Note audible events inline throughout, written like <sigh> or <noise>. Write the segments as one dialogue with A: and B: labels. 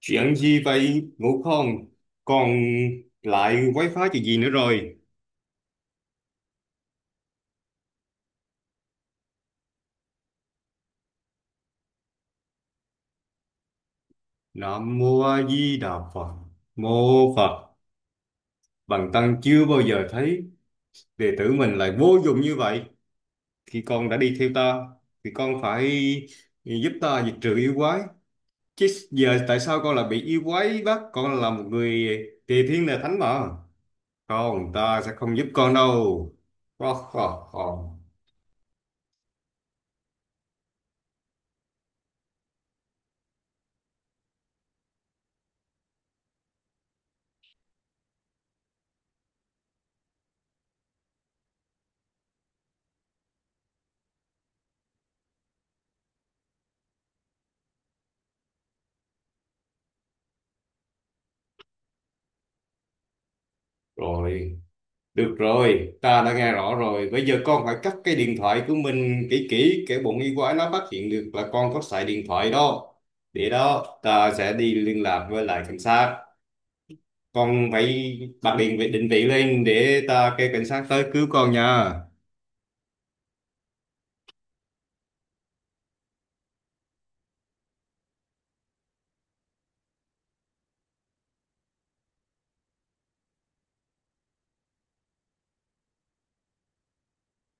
A: Chuyện gì vậy, ngủ không? Còn lại wifi chuyện gì nữa rồi? Nam Mô A Di Đà Phật. Mô Phật. Bần tăng chưa bao giờ thấy đệ tử mình lại vô dụng như vậy. Khi con đã đi theo ta thì con phải giúp ta diệt trừ yêu quái. Chứ giờ tại sao con lại bị yêu quái bắt? Con là một người tề thiên là thánh mà. Không, ta sẽ không giúp con đâu. Ho, ho, ho. Rồi, được rồi, ta đã nghe rõ rồi. Bây giờ con phải cắt cái điện thoại của mình kỹ kỹ, kẻo bọn y quái nó phát hiện được là con có xài điện thoại đó. Để đó, ta sẽ đi liên lạc với lại cảnh sát. Con phải bật điện vị định vị lên để ta kêu cảnh sát tới cứu con nha.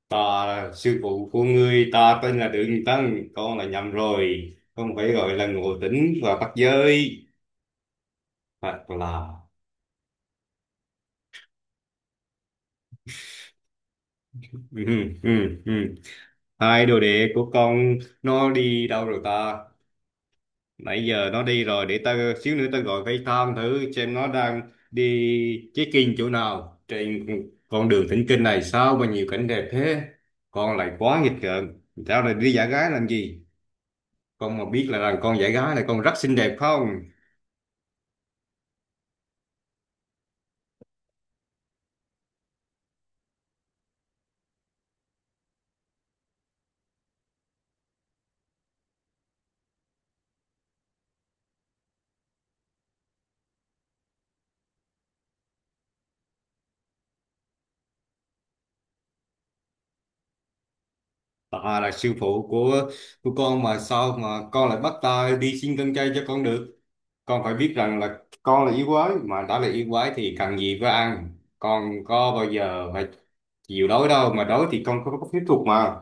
A: Ta là sư phụ của ngươi, ta tên là Đường Tăng, con là nhầm rồi. Con phải gọi là Ngộ Tĩnh và Bắt Giới. Hoặc là... <laughs> Ừ, ừ, ừ. Hai đồ đệ của con nó đi đâu rồi ta? Nãy giờ nó đi rồi, để tao xíu nữa tao gọi FaceTime thử xem nó đang đi check-in chỗ nào trên con đường thỉnh kinh này, sao mà nhiều cảnh đẹp thế. Con lại quá nghịch ngợm, tao lại đi giả gái làm gì. Con mà biết là, con giả gái này con rất xinh đẹp không. Bà là sư phụ của con mà sao mà con lại bắt ta đi xin con trai cho con được? Con phải biết rằng là con là yêu quái, mà đã là yêu quái thì cần gì phải ăn. Con có bao giờ phải chịu đói đâu, mà đói thì con không có phép thuật mà.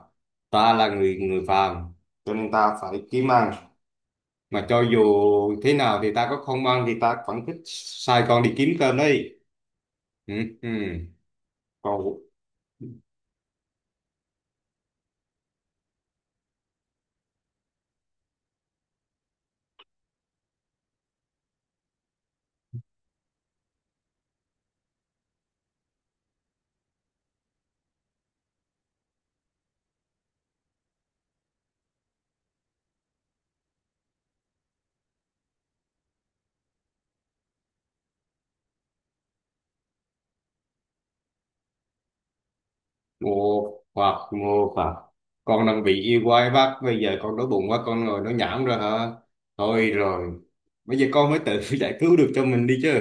A: Ta là người người phàm cho nên ta phải kiếm ăn. Mà cho dù thế nào thì ta có không ăn thì ta vẫn thích sai con đi kiếm cơm đấy. Ừ, ừ. Con ngộ hoặc ngộ phạt, con đang bị yêu quái bắt, bây giờ con đói bụng quá con ngồi nó nhảm rồi hả? Thôi rồi, bây giờ con mới tự <laughs> giải cứu được cho mình đi chứ.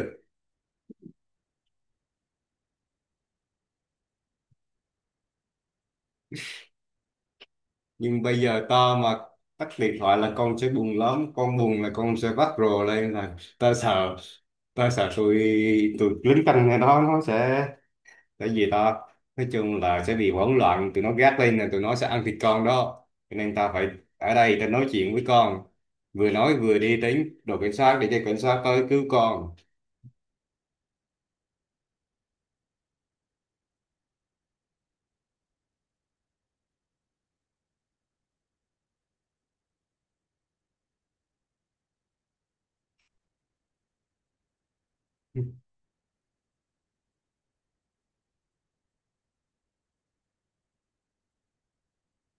A: Nhưng bây giờ ta mà tắt điện thoại là con sẽ buồn lắm, con buồn là con sẽ vắt rồ lên là ta sợ. Ta sợ tụi tụi lính canh này đó nó sẽ, tại vì ta nói chung là sẽ bị hỗn loạn, tụi nó gác lên là tụi nó sẽ ăn thịt con đó. Cho nên ta phải ở đây ta nói chuyện với con, vừa nói vừa đi đến đồn cảnh sát để cho cảnh sát tới cứu con.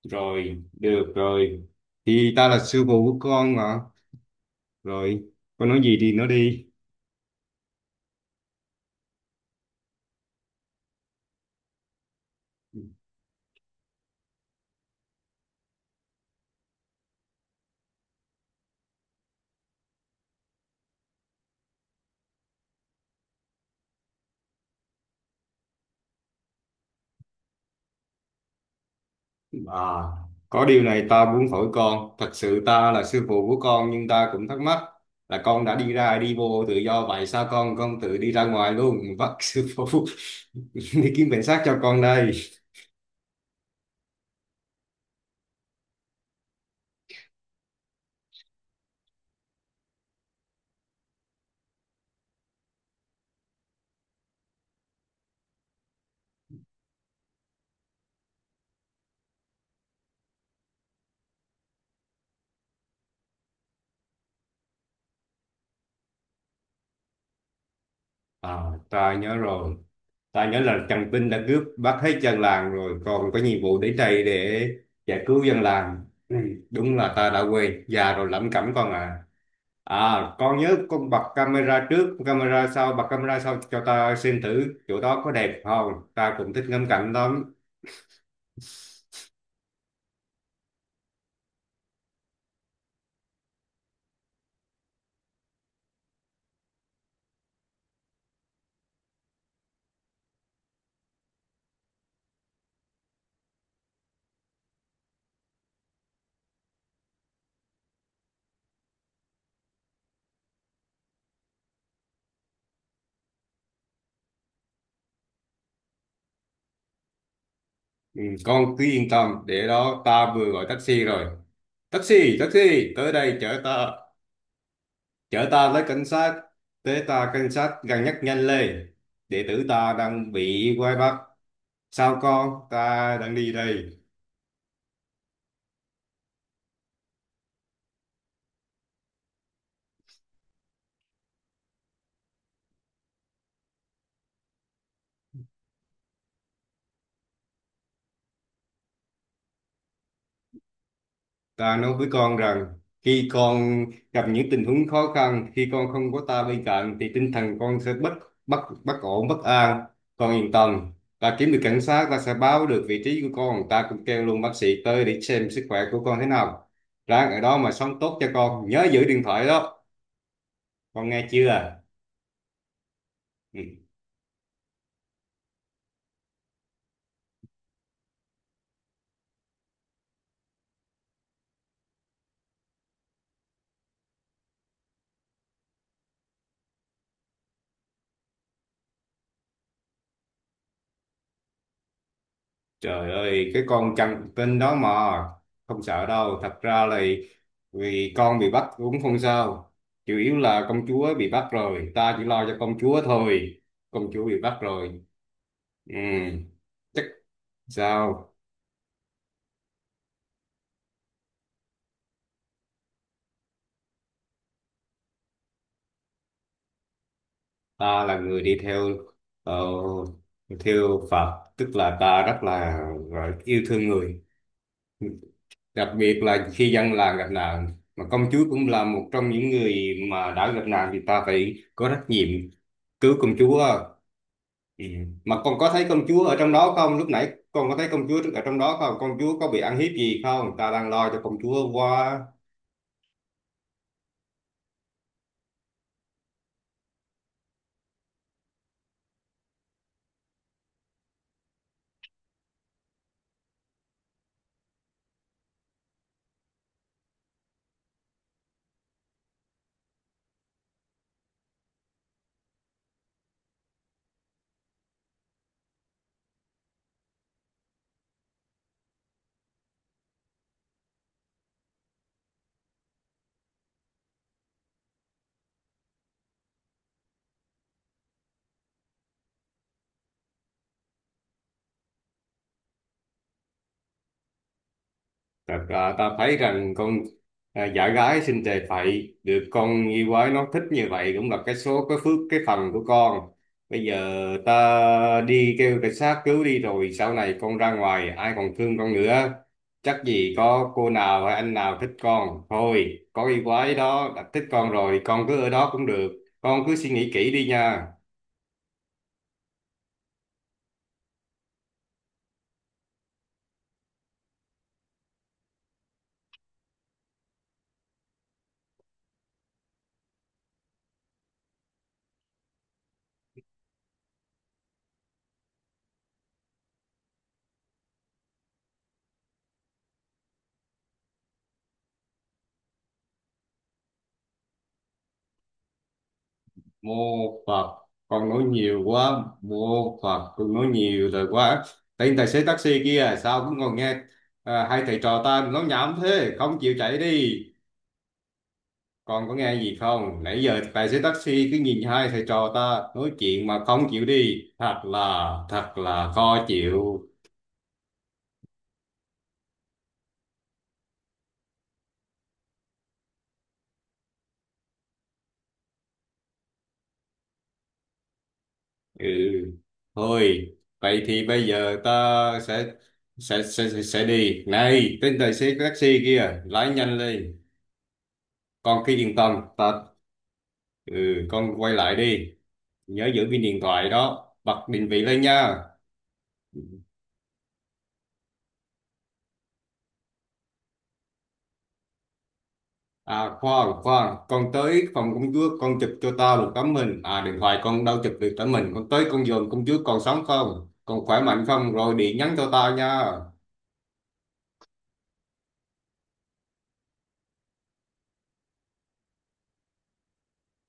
A: Rồi, được rồi, thì ta là sư phụ của con mà. Rồi, con nói gì thì nói đi. À, có điều này ta muốn hỏi con, thật sự ta là sư phụ của con nhưng ta cũng thắc mắc là con đã đi ra đi vô tự do vậy, sao con tự đi ra ngoài luôn. <laughs> Vâng sư phụ. <laughs> Đi kiếm cảnh sát cho con đây. À, ta nhớ rồi. Ta nhớ là Trần Vinh đã cướp bắt hết dân làng rồi, còn có nhiệm vụ đến đây để giải cứu dân làng. Ừ, đúng là ta đã quên, già rồi lẩm cẩm con à. À, con nhớ con bật camera trước, camera sau, bật camera sau cho ta xem thử chỗ đó có đẹp không. Ta cũng thích ngắm cảnh lắm. Ừ, con cứ yên tâm, để đó ta vừa gọi taxi rồi. Taxi, taxi, tới đây chở ta tới cảnh sát, tới ta cảnh sát gần nhất nhanh lên. Đệ tử ta đang bị quay bắt. Sao con, ta đang đi đây. Ta nói với con rằng khi con gặp những tình huống khó khăn, khi con không có ta bên cạnh thì tinh thần con sẽ bất bất bất ổn, bất an. Con yên tâm, ta kiếm được cảnh sát, ta sẽ báo được vị trí của con, ta cũng kêu luôn bác sĩ tới để xem sức khỏe của con thế nào. Ráng ở đó mà sống tốt cho con, nhớ giữ điện thoại đó. Con nghe chưa? Ừ. Trời ơi, cái con chằn tin đó mà không sợ đâu. Thật ra là vì con bị bắt cũng không sao. Chủ yếu là công chúa bị bắt rồi, ta chỉ lo cho công chúa thôi. Công chúa bị bắt rồi. Ừ, chắc sao? Ta là người đi theo ờ, theo Phật, tức là ta là yêu thương người. Đặc biệt là khi dân làng gặp nạn mà công chúa cũng là một trong những người mà đã gặp nạn thì ta phải có trách nhiệm cứu công chúa. Ừ. Mà con có thấy công chúa ở trong đó không, lúc nãy con có thấy công chúa ở trong đó không, công chúa có bị ăn hiếp gì không, ta đang lo cho công chúa quá. Thật ra ta thấy rằng con giả gái xinh tề phậy được con yêu quái nó thích như vậy cũng là cái số cái phước cái phần của con. Bây giờ ta đi kêu cảnh sát cứu đi rồi sau này con ra ngoài ai còn thương con nữa. Chắc gì có cô nào hay anh nào thích con. Thôi có yêu quái đó đã thích con rồi con cứ ở đó cũng được. Con cứ suy nghĩ kỹ đi nha. Mô Phật, con nói nhiều quá. Mô Phật, con nói nhiều rồi quá. Tên tài xế taxi kia sao cũng còn nghe à, hai thầy trò ta nói nhảm thế không chịu chạy đi. Con có nghe gì không, nãy giờ tài xế taxi cứ nhìn hai thầy trò ta nói chuyện mà không chịu đi, thật là khó chịu. Ừ, thôi vậy thì bây giờ ta sẽ sẽ đi. Này tên tài xế taxi kia lái nhanh lên. Con cứ yên tâm ta. Ừ, con quay lại đi, nhớ giữ viên điện thoại đó, bật định vị lên nha. À khoan khoan, con tới phòng công chúa con chụp cho tao một tấm hình. À, điện thoại con đâu chụp được tấm hình, con tới con dòm công chúa còn sống không, còn khỏe mạnh không, rồi điện nhắn cho tao nha.